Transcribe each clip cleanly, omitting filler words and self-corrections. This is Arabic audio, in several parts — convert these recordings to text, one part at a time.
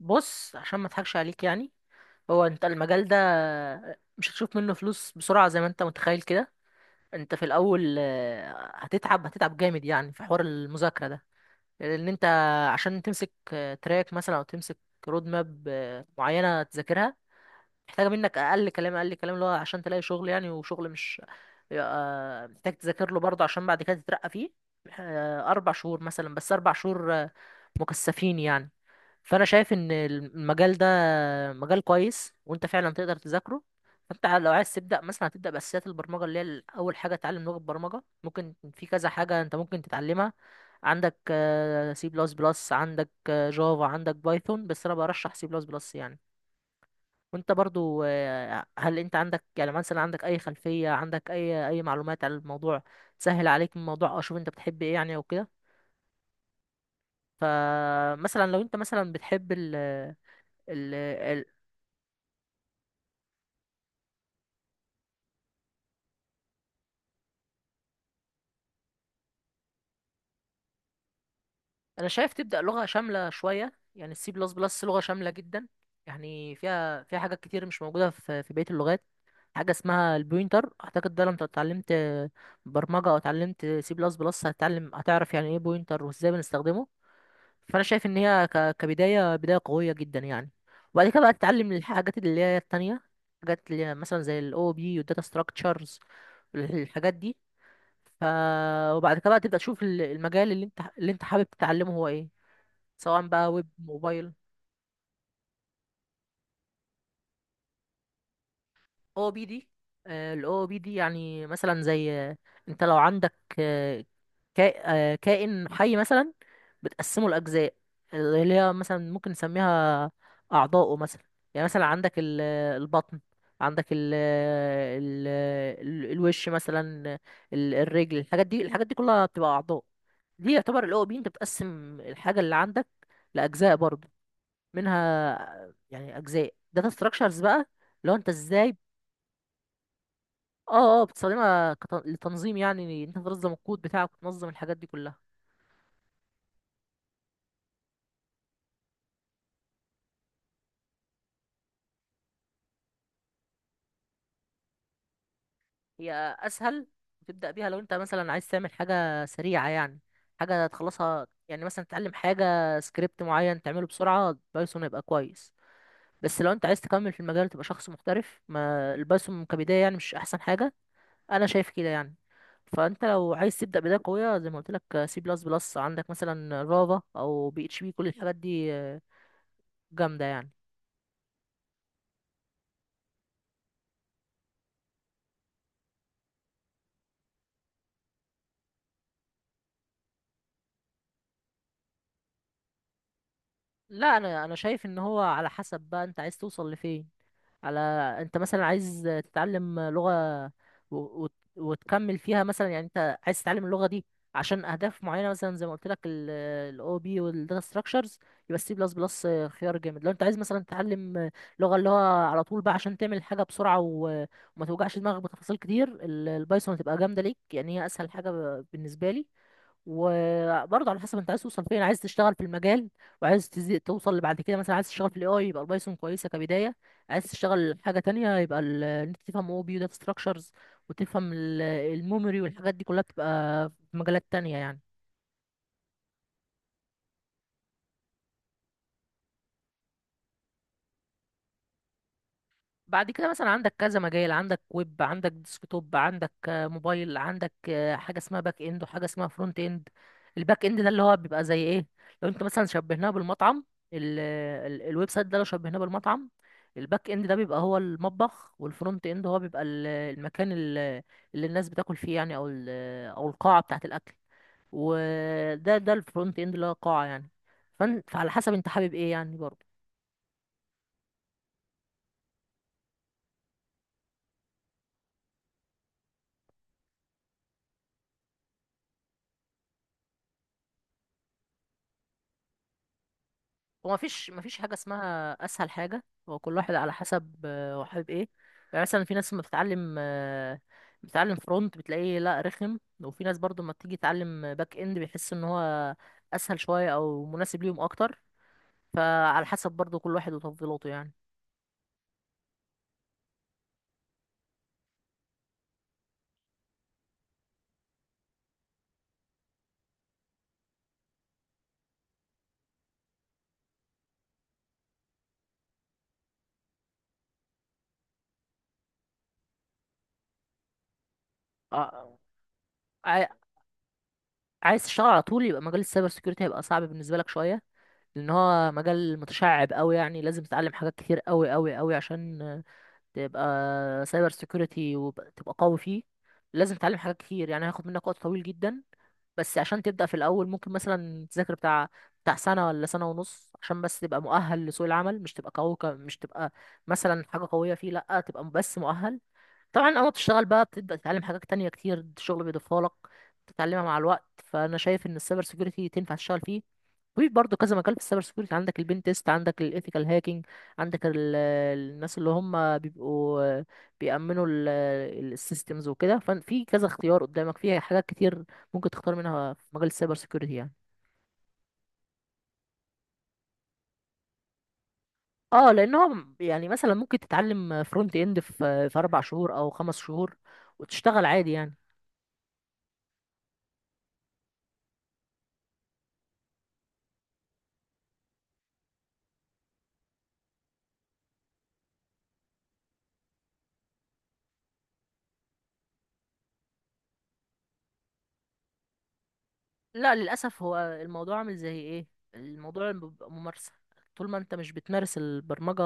بص، عشان ما اضحكش عليك يعني. هو انت المجال ده مش هتشوف منه فلوس بسرعة زي ما انت متخيل كده. انت في الاول، هتتعب جامد يعني في حوار المذاكرة ده. لان انت عشان تمسك تراك مثلا او تمسك رود ماب معينة تذاكرها، محتاجة منك اقل كلام اللي هو عشان تلاقي شغل يعني. وشغل مش محتاج تذاكر له برضه عشان بعد كده تترقى فيه. اربع شهور مثلا، بس 4 شهور مكثفين يعني. فانا شايف ان المجال ده مجال كويس، وانت فعلا تقدر تذاكره. فانت لو عايز تبدا مثلا، هتبدا باساسيات البرمجه، اللي هي اول حاجه تتعلم لغه برمجه. ممكن في كذا حاجه انت ممكن تتعلمها. عندك سي بلس بلس، عندك جافا، عندك بايثون، بس انا برشح سي بلس بلس يعني. وانت برضو، هل انت عندك يعني مثلا عندك اي خلفيه، عندك اي معلومات عن الموضوع؟ سهل عليك الموضوع؟ او شوف انت بتحب ايه يعني او كده. فمثلا لو انت مثلا بتحب ال- ال- انا شايف تبدا لغه شامله شويه يعني. السي بلس بلس لغه شامله جدا يعني، فيها حاجات كتير مش موجوده في بقيه اللغات. حاجه اسمها البوينتر، اعتقد ده لما اتعلمت برمجه او اتعلمت سي بلس بلس هتعرف يعني ايه بوينتر وازاي بنستخدمه. فانا شايف ان هي كبدايه، بدايه قويه جدا يعني. وبعد كده بقى تتعلم الحاجات اللي هي التانية، حاجات اللي هي مثلا زي الاو بي والداتا ستراكشرز، الحاجات دي. ف وبعد كده بقى تبدا تشوف المجال اللي انت حابب تتعلمه هو ايه، سواء بقى ويب، موبايل. او بي دي، الاو بي دي يعني مثلا زي، انت لو عندك آه، كائن حي مثلا، بتقسمه لاجزاء اللي هي مثلا ممكن نسميها اعضاؤه مثلا. يعني مثلا عندك البطن، عندك ال الوش مثلا، الرجل. الحاجات دي، الحاجات دي كلها بتبقى اعضاء. دي يعتبر الاو بي، انت بتقسم الحاجه اللي عندك لاجزاء برضه منها يعني اجزاء. داتا ستراكشرز بقى، لو انت ازاي... اه اه، بتستخدمها لتنظيم يعني، انت تنظم الكود بتاعك وتنظم الحاجات دي كلها. هي اسهل تبدا بيها لو انت مثلا عايز تعمل حاجه سريعه يعني، حاجه تخلصها يعني. مثلا تتعلم حاجه، سكريبت معين تعمله بسرعه، بايثون هيبقى كويس. بس لو انت عايز تكمل في المجال تبقى شخص محترف، ما البايثون كبدايه يعني مش احسن حاجه، انا شايف كده يعني. فانت لو عايز تبدا بدايه قويه، زي ما قلت لك، سي بلس بلس، عندك مثلا جافا، او بي اتش بي، كل الحاجات دي جامده يعني. لا، انا شايف ان هو على حسب بقى انت عايز توصل لفين. على... انت مثلا عايز تتعلم لغة و... وتكمل فيها مثلا يعني. انت عايز تتعلم اللغة دي عشان اهداف معينة، مثلا زي ما قلت لك الاو بي والداتا ستراكشرز، يبقى السي بلس بلس خيار جامد. لو انت عايز مثلا تتعلم لغة اللي هو على طول بقى عشان تعمل حاجة بسرعة وما توجعش دماغك بتفاصيل كتير، البايثون هتبقى جامدة ليك يعني، هي اسهل حاجة بالنسبة لي. وبرضه على حسب انت عايز توصل فين، عايز تشتغل في المجال وعايز توصل لبعد كده. مثلا عايز تشتغل في الاي اي، يبقى البايثون كويسه كبدايه. عايز تشتغل حاجه تانية يبقى ان انت تفهم او بي، داتا ستراكشرز، وتفهم الميموري والحاجات دي كلها، بتبقى في مجالات تانية يعني. بعد كده مثلا عندك كذا مجال، عندك ويب، عندك ديسكتوب، عندك موبايل، عندك حاجه اسمها باك اند وحاجه اسمها فرونت اند. الباك اند ده اللي هو بيبقى زي ايه؟ لو انت مثلا شبهناه بالمطعم، ال ال الويب سايت ده لو شبهناه بالمطعم، الباك اند ده بيبقى هو المطبخ، والفرونت اند هو بيبقى المكان اللي الناس بتاكل فيه يعني، او او القاعه بتاعه الاكل. ده الفرونت اند اللي هو قاعه يعني. فعلى حسب انت حابب ايه يعني برضه. هو مفيش حاجة اسمها أسهل حاجة، هو كل واحد على حسب هو حابب ايه. يعني مثلا في ناس لما بتتعلم بتتعلم فرونت بتلاقيه لا رخم، وفي ناس برضو لما بتيجي تتعلم باك اند بيحس ان هو أسهل شوية أو مناسب ليهم أكتر. فعلى حسب برضو كل واحد وتفضيلاته يعني. آه، عاي- عايز تشتغل على طول، يبقى مجال السايبر سيكيورتي هيبقى صعب بالنسبة لك شوية، لأن هو مجال متشعب أوي يعني. لازم تتعلم حاجات كتير أوي أوي أوي عشان تبقى سايبر سيكيورتي وتبقى قوي فيه. لازم تتعلم حاجات كتير يعني، هياخد منك وقت طويل جدا. بس عشان تبدأ في الأول ممكن مثلا تذاكر بتاع سنة ولا سنة ونص عشان بس تبقى مؤهل لسوق العمل، مش تبقى قوي مش تبقى مثلا حاجة قوية فيه، لأ تبقى بس مؤهل. طبعا أول ما بتشتغل بقى بتبدأ تتعلم حاجات تانية كتير الشغل بيضيفها لك، تتعلمها مع الوقت. فأنا شايف إن السايبر سيكيورتي تنفع تشتغل فيه. في برضه كذا مجال في السايبر سكيورتي، عندك البين تيست، عندك الايثيكال هاكينج، عندك الناس اللي هم بيبقوا بيأمنوا السيستمز وكده. ففي كذا اختيار قدامك، فيها حاجات كتير ممكن تختار منها في مجال السايبر سكيورتي يعني. اه، لان هو يعني مثلا ممكن تتعلم فرونت اند في 4 شهور او 5 شهور وتشتغل عادي يعني. لا للأسف، هو الموضوع عامل زي ايه، الموضوع بيبقى ممارسة. طول ما انت مش بتمارس البرمجة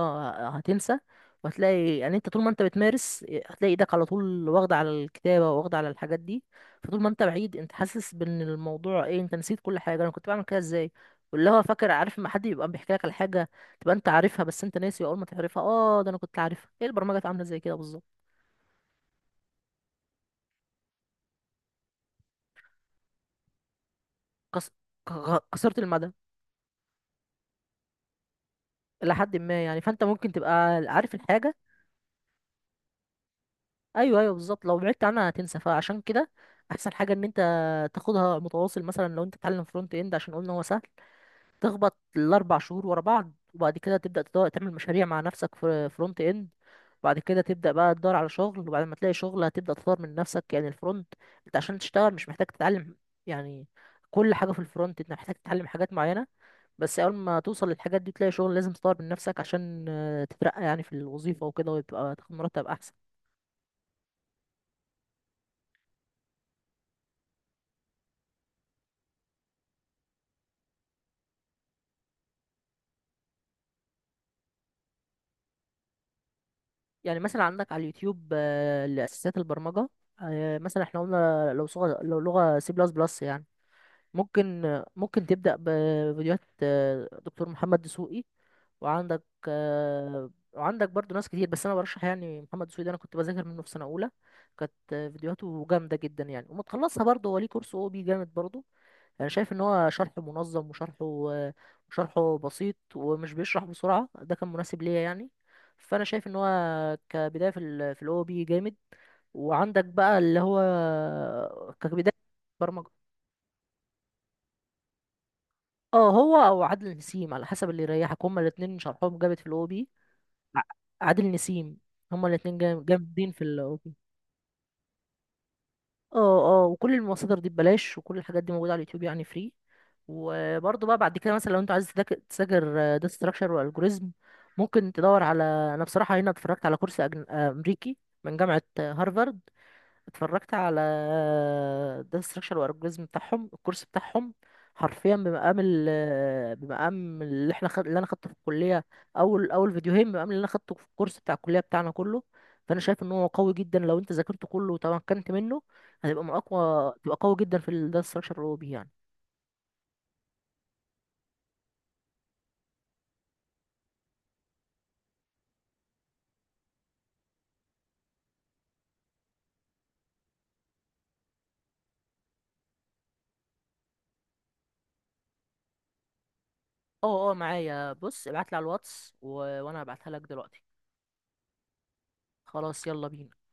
هتنسى. وهتلاقي يعني انت طول ما انت بتمارس هتلاقي ايدك على طول واخدة على الكتابة، واخدة على الحاجات دي. فطول ما انت بعيد انت حاسس بان الموضوع ايه، انت نسيت كل حاجة، انا كنت بعمل كده ازاي. واللي هو فاكر عارف، ما حد يبقى بيحكي لك على حاجة تبقى انت عارفها بس انت ناسي. اول ما تعرفها، اه ده انا كنت عارفها، ايه البرمجة عاملة زي كده بالظبط. قص... قصيرة المدى إلى حد ما يعني، فأنت ممكن تبقى عارف الحاجة. ايوه ايوه بالظبط، لو بعدت عنها هتنسى. فعشان كده احسن حاجه ان انت تاخدها متواصل. مثلا لو انت بتتعلم فرونت اند، عشان قلنا هو سهل، تخبط الاربع شهور ورا بعض، وبعد كده تبدا تدور تعمل مشاريع مع نفسك في فرونت اند، وبعد كده تبدا بقى تدور على شغل، وبعد ما تلاقي شغل هتبدا تطور من نفسك يعني. الفرونت انت عشان تشتغل مش محتاج تتعلم يعني كل حاجه في الفرونت. انت محتاج تتعلم حاجات معينه، بس اول ما توصل للحاجات دي تلاقي شغل. لازم تطور من نفسك عشان تترقى يعني في الوظيفه وكده، وتبقى تاخد مرتب احسن. يعني مثلا عندك على اليوتيوب لأساسيات البرمجة. مثلا احنا قلنا لو صغة لو لغة سي بلس بلس يعني، ممكن تبدأ بفيديوهات دكتور محمد دسوقي. وعندك وعندك برضو ناس كتير، بس انا برشح يعني محمد دسوقي ده، انا كنت بذاكر منه في سنة اولى. كانت فيديوهاته جامدة جدا يعني، ومتخلصها برضو هو ليه كورس او بي جامد برضو. انا شايف ان هو شرح منظم، وشرحه بسيط ومش بيشرح بسرعه، ده كان مناسب ليا يعني. فانا شايف ان هو كبدايه في في الاو بي جامد. وعندك بقى اللي هو كبدايه برمجه. اه هو او عادل نسيم على حسب اللي يريحك، هما الاثنين شرحهم جامد في الاو بي. عادل نسيم، هما الاثنين جامدين في الاو بي. اه اه، وكل المصادر دي ببلاش، وكل الحاجات دي موجودة على اليوتيوب يعني فري. وبرضه بقى بعد كده مثلا لو انت عايز تذاكر داتا ستراكشر والجوريزم ممكن تدور على... انا بصراحة هنا اتفرجت على كورس أجن... آه، امريكي من جامعة هارفارد. اتفرجت على ده، ستراكشر والالجوريزم بتاعهم، الكورس بتاعهم حرفيا بمقام بمقام اللي اللي انا خدته في الكليه. اول فيديوهين بمقام اللي انا خدته في الكورس بتاع الكليه بتاعنا كله. فانا شايف ان هو قوي جدا، لو انت ذاكرته كله وتمكنت منه هتبقى من اقوى، تبقى قوي جدا في الداتا ستراكشر اللي هو بيه يعني. اه اه معايا، بص ابعت لي على الواتس وانا هبعتها لك دلوقتي. خلاص يلا بينا.